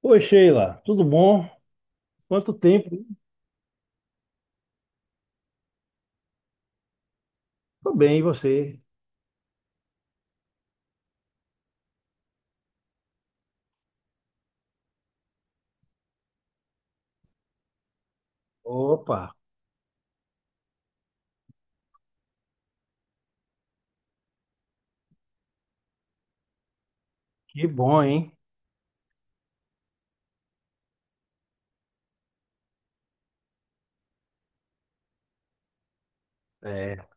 Oi, Sheila, tudo bom? Quanto tempo, hein? Tô bem, e você? Opa, que bom, hein? É.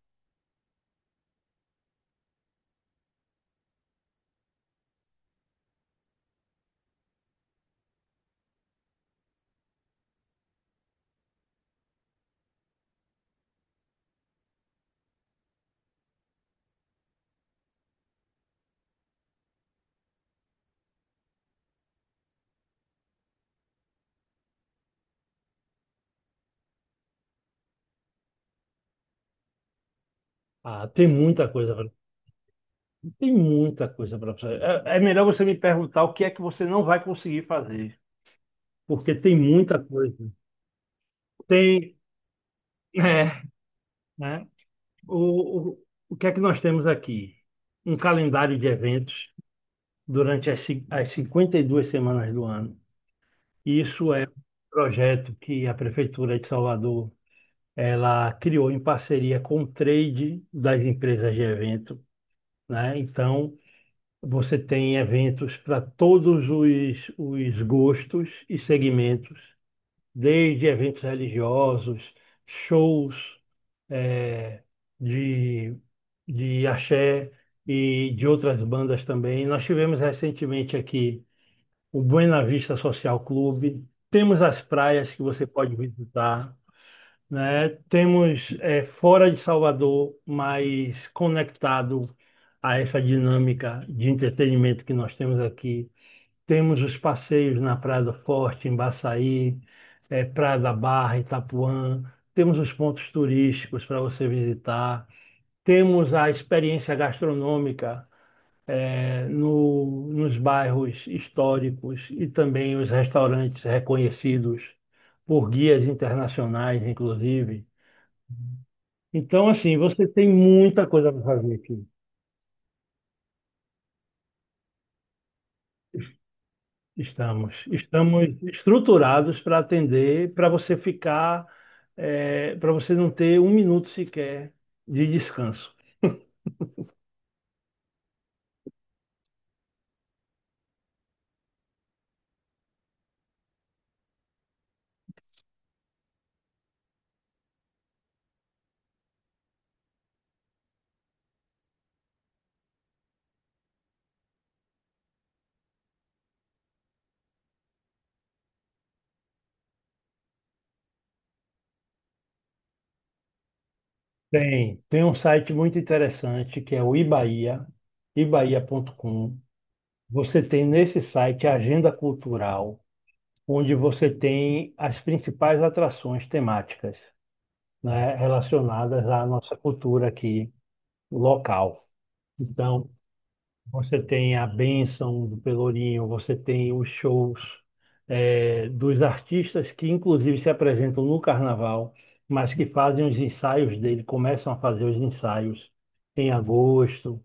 Ah, tem muita coisa para fazer. É melhor você me perguntar o que é que você não vai conseguir fazer, porque tem muita coisa. Tem, é, né? O, o, o que é que nós temos aqui? Um calendário de eventos durante as 52 semanas do ano. Isso é um projeto que a Prefeitura de Salvador ela criou em parceria com o trade das empresas de evento, né? Então, você tem eventos para todos os gostos e segmentos, desde eventos religiosos, shows eh, de, de axé e de outras bandas também. Nós tivemos recentemente aqui o Buena Vista Social Clube, temos as praias que você pode visitar, né? Temos, fora de Salvador, mas conectado a essa dinâmica de entretenimento que nós temos aqui. Temos os passeios na Praia do Forte, em Baçaí, Praia da Barra, Itapuã. Temos os pontos turísticos para você visitar. Temos a experiência gastronômica, nos bairros históricos, e também os restaurantes reconhecidos por guias internacionais, inclusive. Então, assim, você tem muita coisa para fazer aqui. Estamos estruturados para atender, para você ficar, para você não ter um minuto sequer de descanso. Tem um site muito interessante que é o Ibaia, ibaia.com. Você tem nesse site a agenda cultural, onde você tem as principais atrações temáticas, né, relacionadas à nossa cultura aqui local. Então, você tem a bênção do Pelourinho, você tem os shows, dos artistas que, inclusive, se apresentam no carnaval, mas que fazem os ensaios dele, começam a fazer os ensaios em agosto,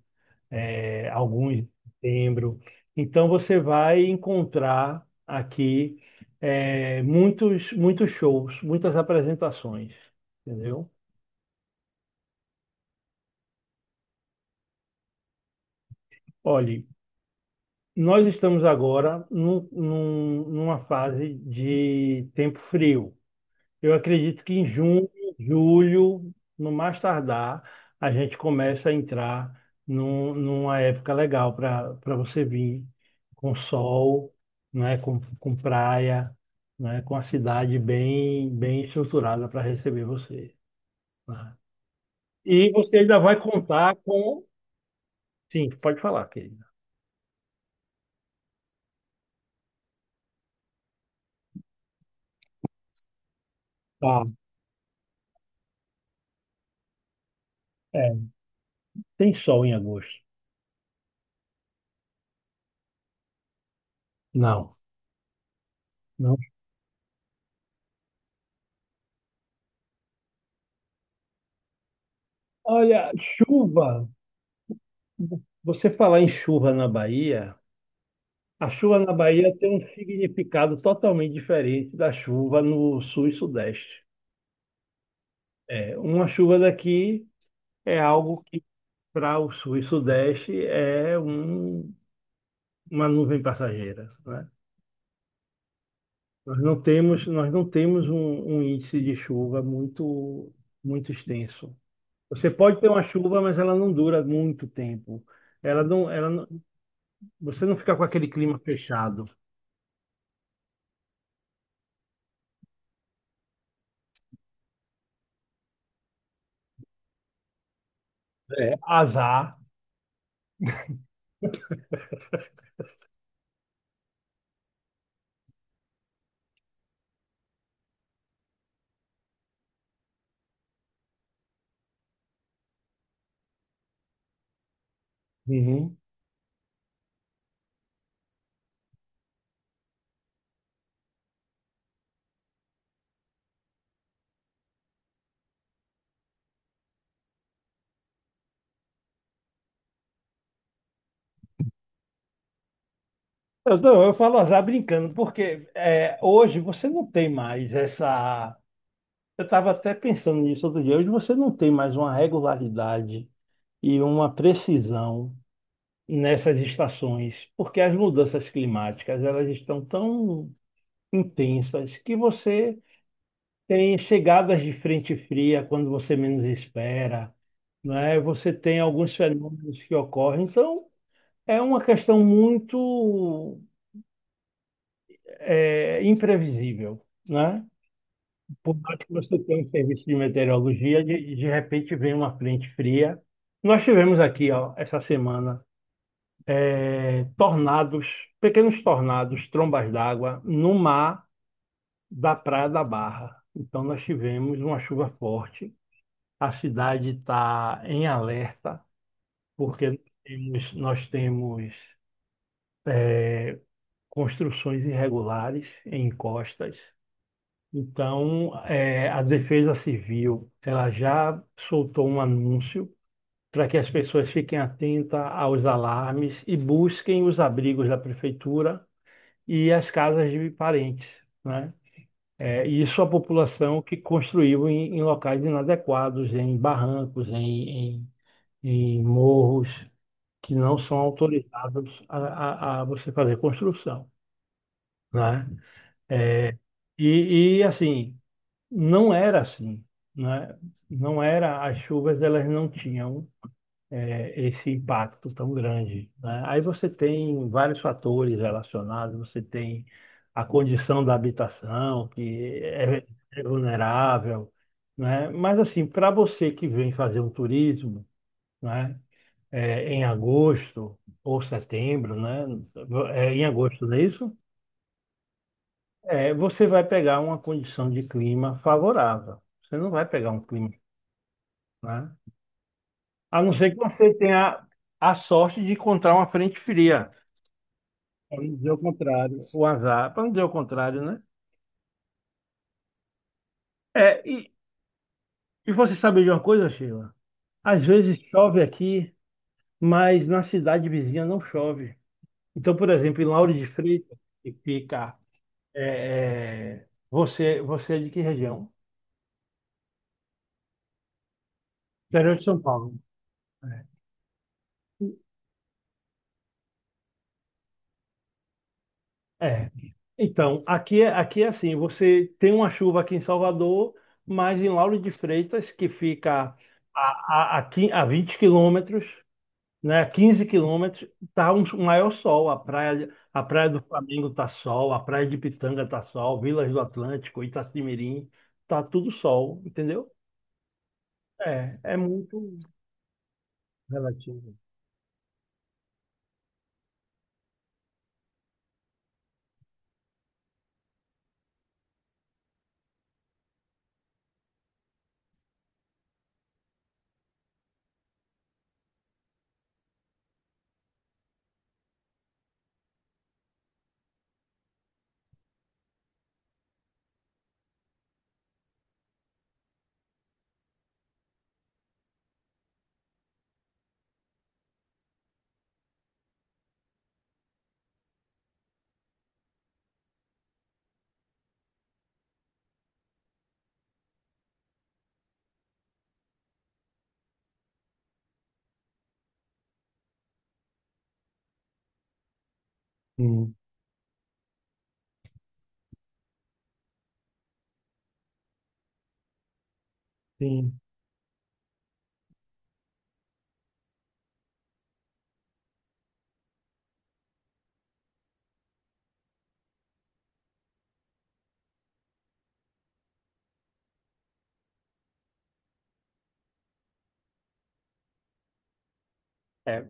alguns em setembro. Então, você vai encontrar aqui, muitos, muitos shows, muitas apresentações, entendeu? Olhe. Nós estamos agora numa fase de tempo frio. Eu acredito que em junho, julho, no mais tardar, a gente começa a entrar numa época legal para você vir com sol, né, com praia, né, com a cidade bem estruturada para receber você, né? E você ainda vai contar com. Sim, pode falar, querida. Tá. É. Tem sol em agosto? Não. Não. Olha, chuva. Você falar em chuva na Bahia, a chuva na Bahia tem um significado totalmente diferente da chuva no sul e sudeste. É, uma chuva daqui é algo que para o sul e sudeste é uma nuvem passageira, né? Nós não temos um índice de chuva muito, muito extenso. Você pode ter uma chuva, mas ela não dura muito tempo. Ela não, você não fica com aquele clima fechado. É, azar. Uhum. Eu, não, eu falo azar brincando, porque, hoje você não tem mais essa. Eu estava até pensando nisso outro dia. Hoje você não tem mais uma regularidade e uma precisão nessas estações, porque as mudanças climáticas elas estão tão intensas que você tem chegadas de frente fria quando você menos espera, né? Você tem alguns fenômenos que ocorrem. Então, é uma questão muito, imprevisível, né? Por mais que você tenha um serviço de meteorologia, de repente vem uma frente fria. Nós tivemos aqui, ó, essa semana, tornados, pequenos tornados, trombas d'água, no mar da Praia da Barra. Então, nós tivemos uma chuva forte. A cidade está em alerta, porque nós temos, é, construções irregulares em encostas. Então, a Defesa Civil, ela já soltou um anúncio para que as pessoas fiquem atentas aos alarmes e busquem os abrigos da prefeitura e as casas de parentes, né? E isso a população que construiu em locais inadequados, em barrancos, em morros que não são autorizados a você fazer construção, né? Eh, e assim não era assim, né? Não era, as chuvas elas não tinham, esse impacto tão grande, né? Aí você tem vários fatores relacionados, você tem a condição da habitação, que é vulnerável, né? Mas assim, para você que vem fazer um turismo, né? É, em agosto ou setembro, né? É, em agosto, não é isso? É, você vai pegar uma condição de clima favorável. Você não vai pegar um clima, né? A não ser que você tenha a sorte de encontrar uma frente fria, para não dizer o contrário, o azar, para não dizer o contrário, né? É, e você sabe de uma coisa, Sheila? Às vezes chove aqui, mas na cidade vizinha não chove. Então, por exemplo, em Lauro de Freitas, que fica. Você é de que região? Interior de São Paulo. É. É. Então, aqui é, assim, você tem uma chuva aqui em Salvador, mas em Lauro de Freitas, que fica a 20 km quilômetros, né, 15 km, tá um, um maior sol. A praia do Flamengo tá sol, a praia de Pitanga tá sol, Vilas do Atlântico, Itacimirim, tá tudo sol, entendeu? É, é muito relativo. Sim, sim. É,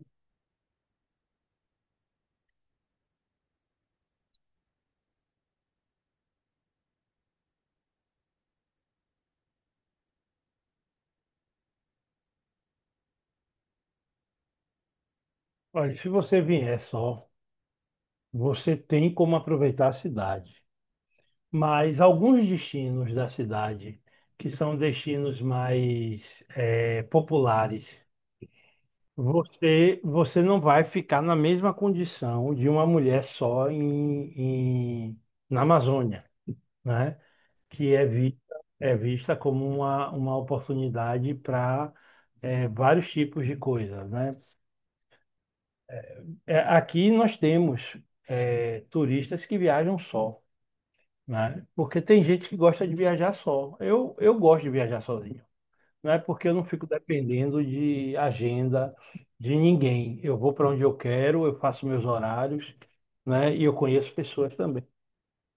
olha, se você vier só, você tem como aproveitar a cidade. Mas alguns destinos da cidade, que são destinos mais, populares, você não vai ficar na mesma condição de uma mulher só na Amazônia, né? Que é vista como uma oportunidade para vários tipos de coisas, né? Aqui nós temos, turistas que viajam só. Né? Porque tem gente que gosta de viajar só. Eu gosto de viajar sozinho, né? Porque eu não fico dependendo de agenda de ninguém. Eu vou para onde eu quero, eu faço meus horários, né? E eu conheço pessoas também,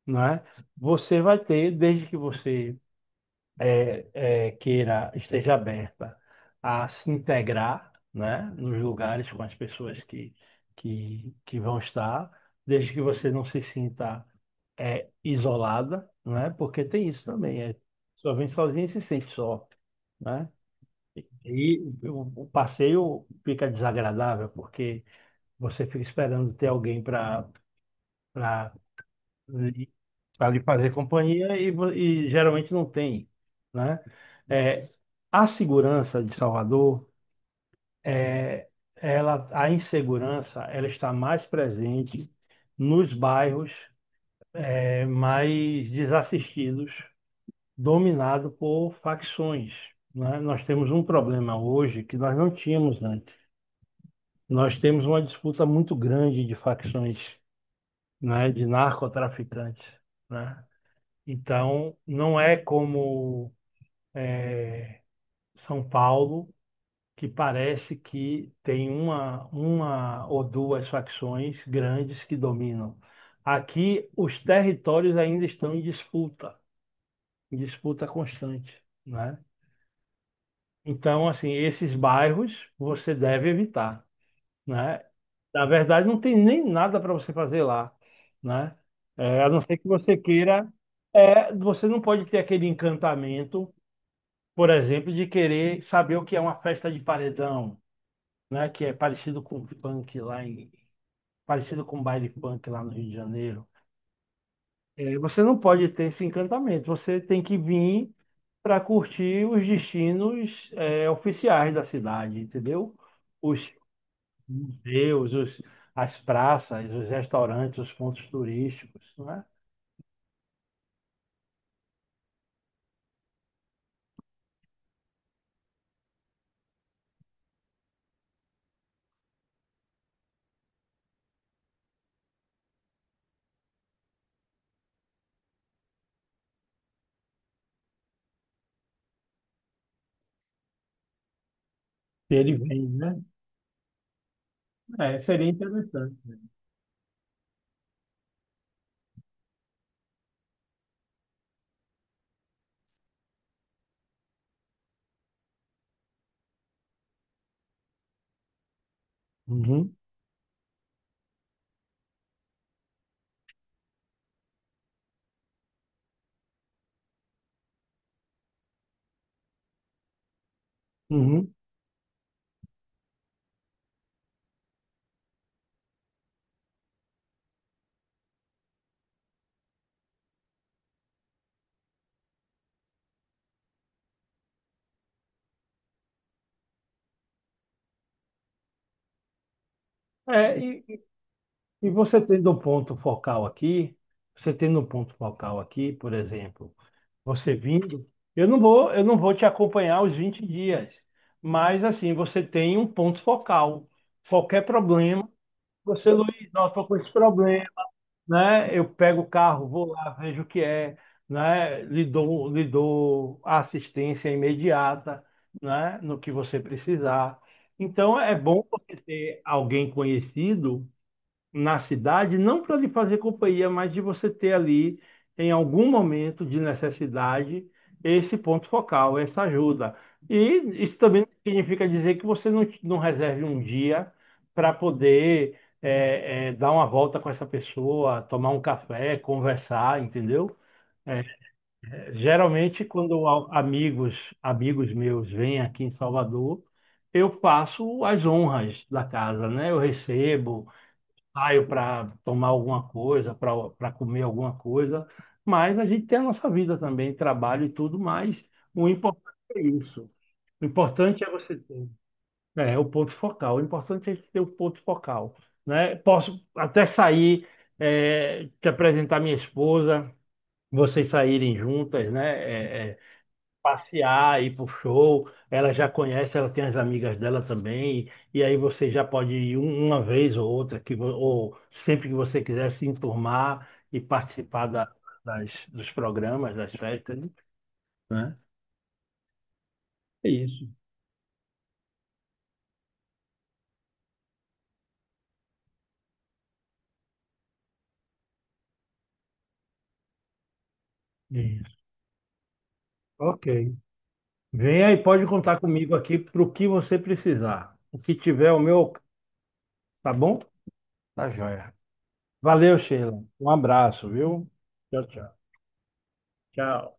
né? Você vai ter, desde que você, queira, esteja aberta a se integrar, né, nos lugares com as pessoas que, que vão estar, desde que você não se sinta, isolada, né, porque tem isso também, só vem sozinha e se sente só, né? E o passeio fica desagradável porque você fica esperando ter alguém para para lhe fazer companhia, e, e geralmente não tem, né? É, a segurança de Salvador, é, ela, a insegurança, ela está mais presente nos bairros, mais desassistidos, dominado por facções, né? Nós temos um problema hoje que nós não tínhamos antes. Nós temos uma disputa muito grande de facções, né? De narcotraficantes, né? Então, não é como São Paulo, que parece que tem uma, ou duas facções grandes que dominam. Aqui, os territórios ainda estão em disputa constante, né? Então, assim, esses bairros você deve evitar, né? Na verdade, não tem nem nada para você fazer lá, né? É, a não ser que você queira, você não pode ter aquele encantamento, por exemplo, de querer saber o que é uma festa de paredão, né? Que é parecido com baile funk lá no Rio de Janeiro. É, você não pode ter esse encantamento. Você tem que vir para curtir os destinos, oficiais da cidade, entendeu? Os museus, as praças, os restaurantes, os pontos turísticos, né? Se ele vem, né? É, seria interessante. Uhum, uhum. É, e você tendo um ponto focal aqui, você tendo um ponto focal aqui, por exemplo. Você vindo, eu não vou te acompanhar os 20 dias, mas assim, você tem um ponto focal. Qualquer problema, você, Luiz, ó, tô com esse problema, né? Eu pego o carro, vou lá, vejo o que é, né? Lhe dou a assistência imediata, né? No que você precisar. Então, é bom você ter alguém conhecido na cidade, não para lhe fazer companhia, mas de você ter ali, em algum momento de necessidade, esse ponto focal, essa ajuda. E isso também significa dizer que você não reserve um dia para poder, dar uma volta com essa pessoa, tomar um café, conversar, entendeu? Geralmente, quando amigos meus vêm aqui em Salvador, eu faço as honras da casa, né? Eu recebo, saio para tomar alguma coisa, para comer alguma coisa, mas a gente tem a nossa vida também, trabalho e tudo, mas o importante é isso. O importante é você ter. É o ponto focal. O importante é a gente ter o ponto focal, né? Posso até sair, te apresentar minha esposa, vocês saírem juntas, né? Eh, eh, passear, ir pro show. Ela já conhece, ela tem as amigas dela também. E aí você já pode ir uma vez ou outra, que, ou sempre que você quiser se enturmar e participar das, dos programas, das festas, né? É isso. Isso. Ok. Venha e pode contar comigo aqui para o que você precisar. O que tiver o meu, tá bom? Tá joia. Valeu, Sheila. Um abraço, viu? Tchau, tchau. Tchau.